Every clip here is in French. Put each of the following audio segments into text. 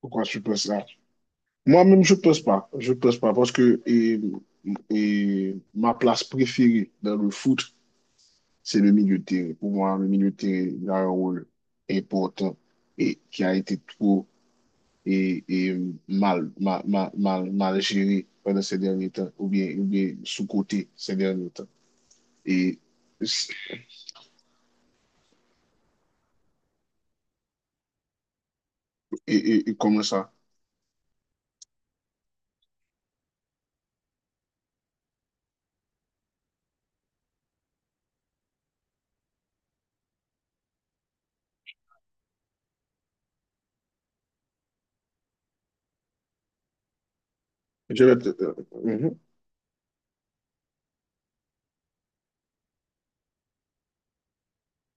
Pourquoi je pense ça? Moi-même, je pense pas. Je pense pas parce que ma place préférée dans le foot, c'est le milieu de terrain. Pour moi, le milieu de terrain il a un rôle important et qui a été trop et, et mal, géré pendant ces derniers temps ou bien sous-coté ces derniers temps. Et, et, et comment ça? Je vais peut-être- euh, mhm.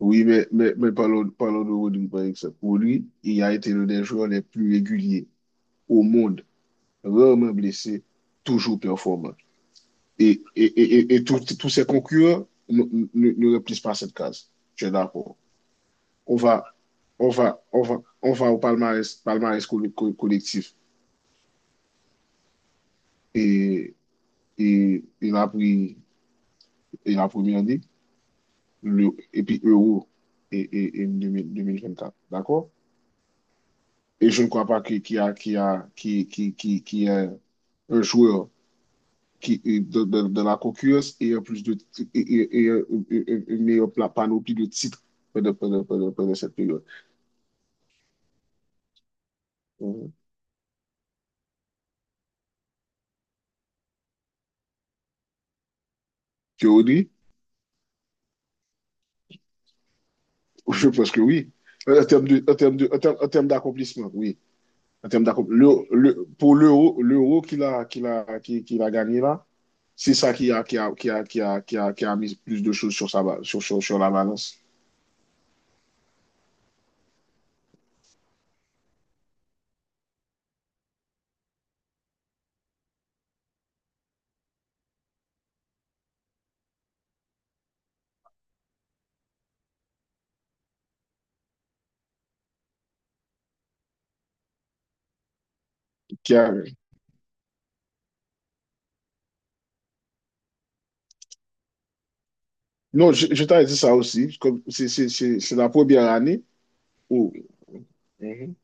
Oui, mais parlons, parlons de Rodri, par exemple. Pour lui il a été l'un des joueurs les plus réguliers au monde, rarement blessé, toujours performant. Et tous ces concurrents ne remplissent pas cette case. Je suis d'accord. On va, on va au palmarès, palmarès collectif. Et, et il a pris et la première année, le, et puis Euro et 2000 2024. D'accord? Et je ne crois pas qu'il y a, qu'il y a, qu'il- qu'il- qu'il- qu'il y a un joueur qui, de la concurrence plus de, ti- et, une meilleure panoplie de titres pendant cette période. Mhm. Théorie, je pense que oui. En termes de, en termes de, en termes d'accomplissement, oui. En termes d'accomplissement, pour l'euro, l'euro qu'il a gagné là, c'est ça qui a, qui a, qui a, qui a, qui a, qui a mis plus de choses sur sur la balance. Qui a- non, je t'avais dit ça aussi. Comme c'est la première année où. Mhm,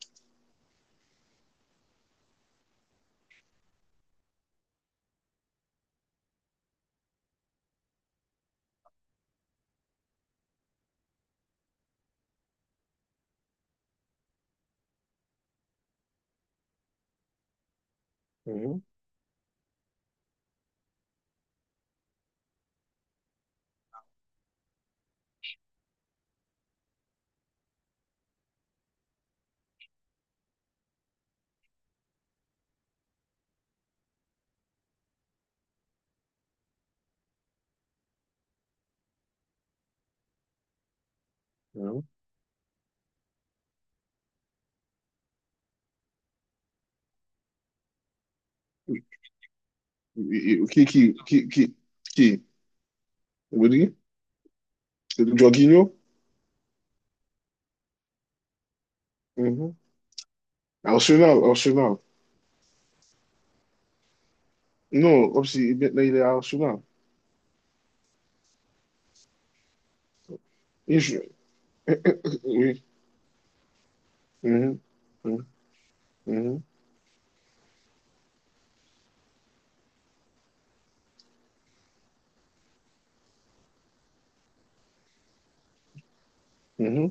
mhm, mhm. E- e- Qui, qui, qui, qui, qui? Vous dites? Jorginho? Mhm. Arsenal, Arsenal. Non, comme si maintenant il est à Arsenal. Il joue. Oui. Mhm. Mhm. Mhm. Mhm.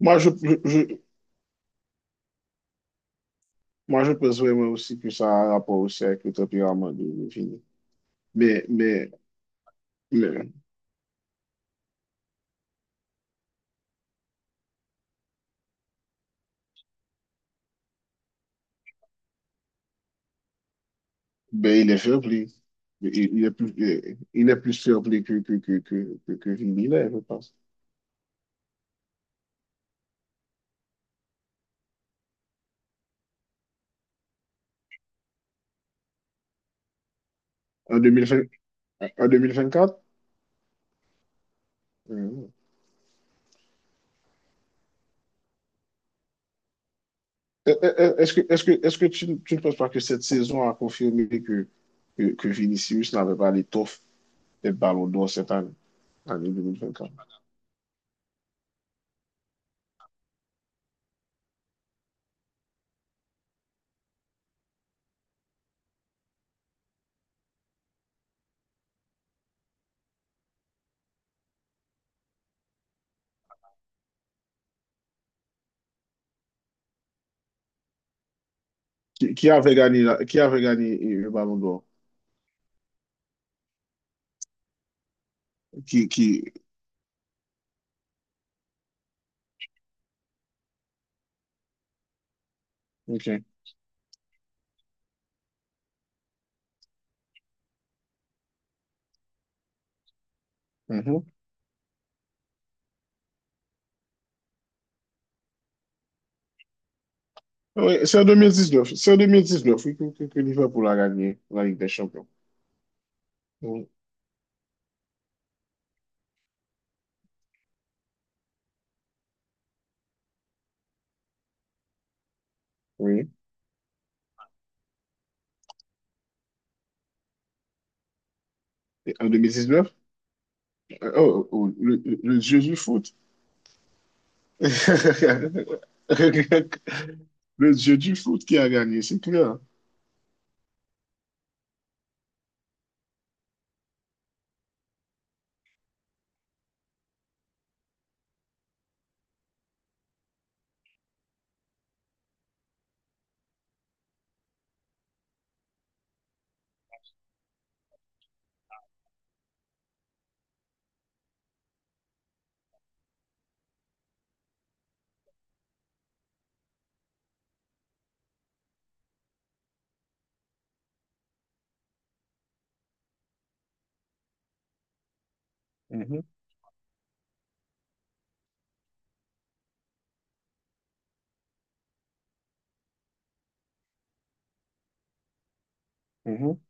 Moi, je, je, je- moi, je pense vraiment aussi que ça a un rapport aussi avec le tempérament de Vini. Mais, mais, mais, ben, il est fair play. Il est plus, il est plus fair play que Vini, là, je pense. En 2020 en 2024? Est-ce que, est-ce que tu ne penses pas que cette saison a confirmé que, que Vinicius n'avait pas l'étoffe d'être Ballon d'Or cette année, année 2024? Qui avait gagné, qui avait gagné le Ballon d'Or? Qui, qui... Ok. Mhm. Oui, c'est en 2019. C'est en 2019, oui, que Liverpool a gagné la Ligue des Champions. Oui. Oui. Et en 2019? Oh, le dieu du foot. Le dieu du foot qui a gagné, c'est clair. Mhm, mhm.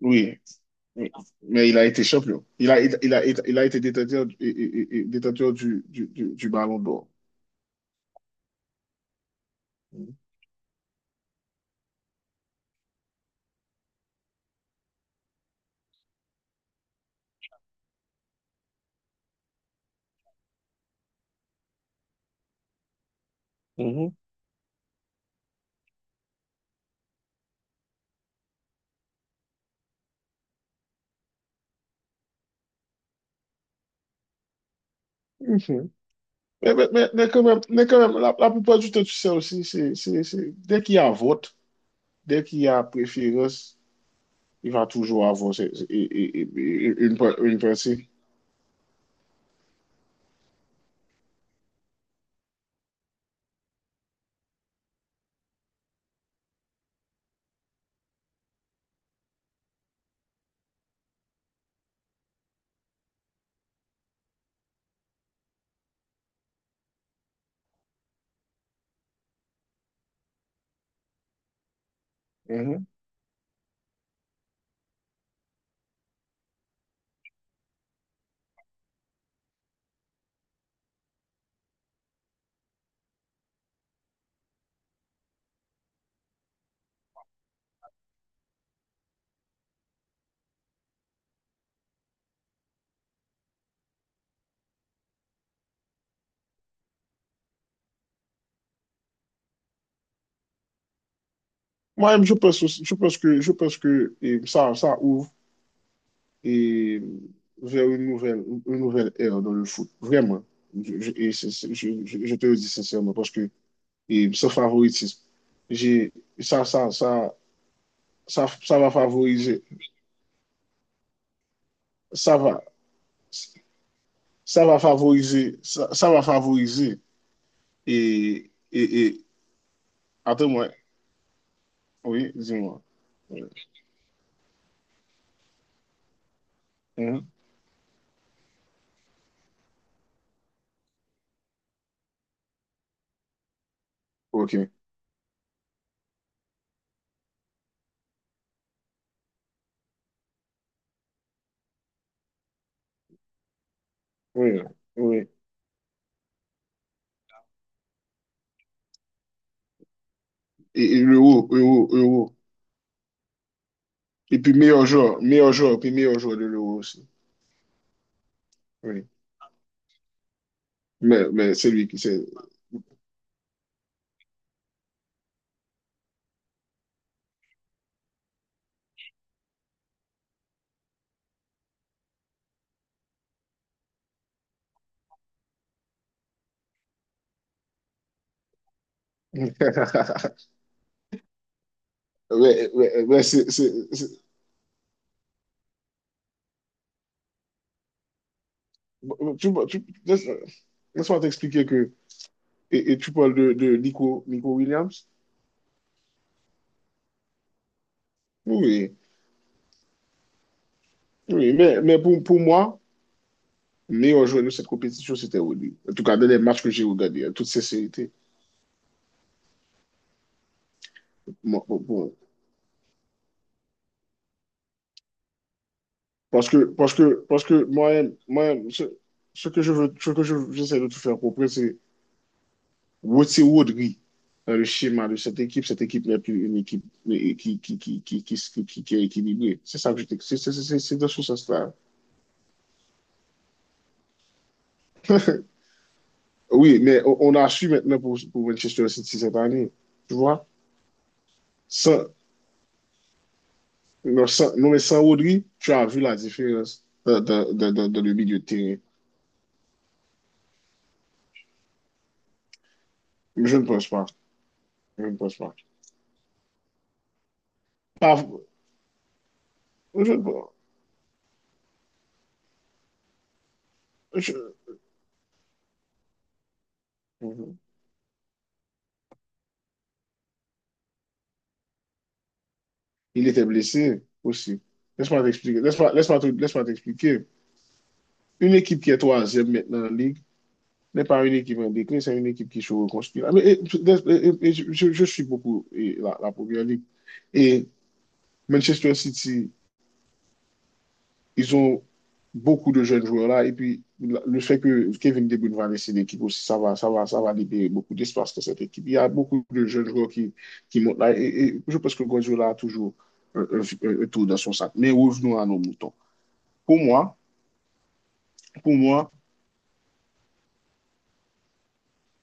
Oui, mais il a été champion. Il a été détenteur, détenteur du ballon d'or. Mhm. Mhm. Quand même, mais quand même la plupart du temps, tu sais aussi, dès qu'il y a vote, dès qu'il y a préférence, il va toujours avoir une, une pensée. Mhm. Moi-même, je pense que ça, ça ouvre. Et vers une nouvelle ère dans le foot. Vraiment. Je te le dis sincèrement parce que ce favoritisme, j'ai, ça, ça, ça, ça va favoriser, ça va, ça va favoriser, ça va favoriser. Et, et, et attends-moi, oui, dis-moi. Oui. Hein? Ok, oui, oui. Et l'euro, euro. Et puis meilleur joueur, puis meilleur joueur de l'euro aussi. Oui. Mais c'est lui qui c'est Ouais, laisse- laisse-moi t'expliquer que. Et tu parles de Nico, Nico Williams? Oui, oui, mais pour moi, le meilleur joueur de cette compétition, c'était Rudy. En tout cas, dans les matchs que j'ai regardés, en toute sincérité. Moi, bon, bon. Parce que moi-même, ce que je veux, j'essaie de tout faire comprendre, c'est Wotsé Rodri dans le schéma de cette équipe n'est plus une équipe qui est équilibrée. C'est ça que je te. C'est dans ce sens-là. Oui, mais on a su maintenant pour Manchester City cette année. Tu vois? Sans, non, non, mais sans Rodri, tu as vu la différence dans le milieu de terrain. Je ne pense pas. Je ne pense pas. Pas- je ne pense- je- Mhm. Il était blessé aussi. Laisse-moi t'expliquer. Laisse-moi, laisse-moi t'expliquer. Une équipe qui est troisième maintenant en Ligue, n'est pas une équipe en déclin, c'est une équipe qui se reconstruit. Ah, mais, je suis beaucoup la Première Ligue. Et Manchester City, ils ont beaucoup de jeunes joueurs là. Et puis, le fait que Kevin De Bruyne va laisser l'équipe aussi, ça va libérer beaucoup d'espace dans cette équipe. Il y a beaucoup de jeunes joueurs qui montent là. Et je pense que Guardiola a toujours un, un- un tour dans son sac. Mais revenons à nos moutons. Pour moi, pour moi,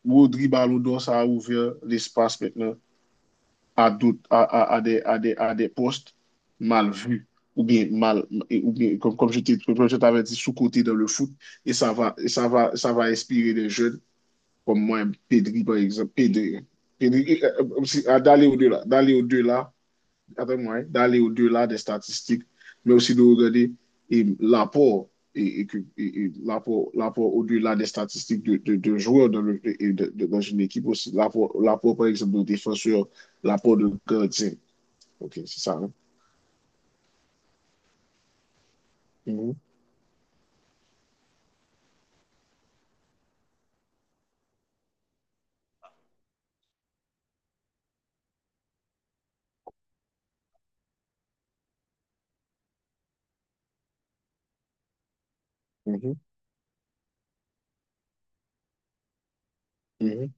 Rodri Ballon d'Or, ça a ouvert l'espace maintenant à, doute, à des postes mal vus ou bien mal ou bien comme, comme je t'avais dit sous-côté dans le foot et ça va, ça va inspirer des jeunes comme moi, Pedri par exemple. Pedri, à d'aller au-delà, avec moi, d'aller au-delà des statistiques, mais aussi de regarder l'apport et l'apport, l'apport au-delà des statistiques de joueurs dans, dans une équipe aussi. L'apport, l'apport, par exemple, de défenseurs, l'apport de gardien. OK, c'est ça, hein? Mhm, mhm, mhm.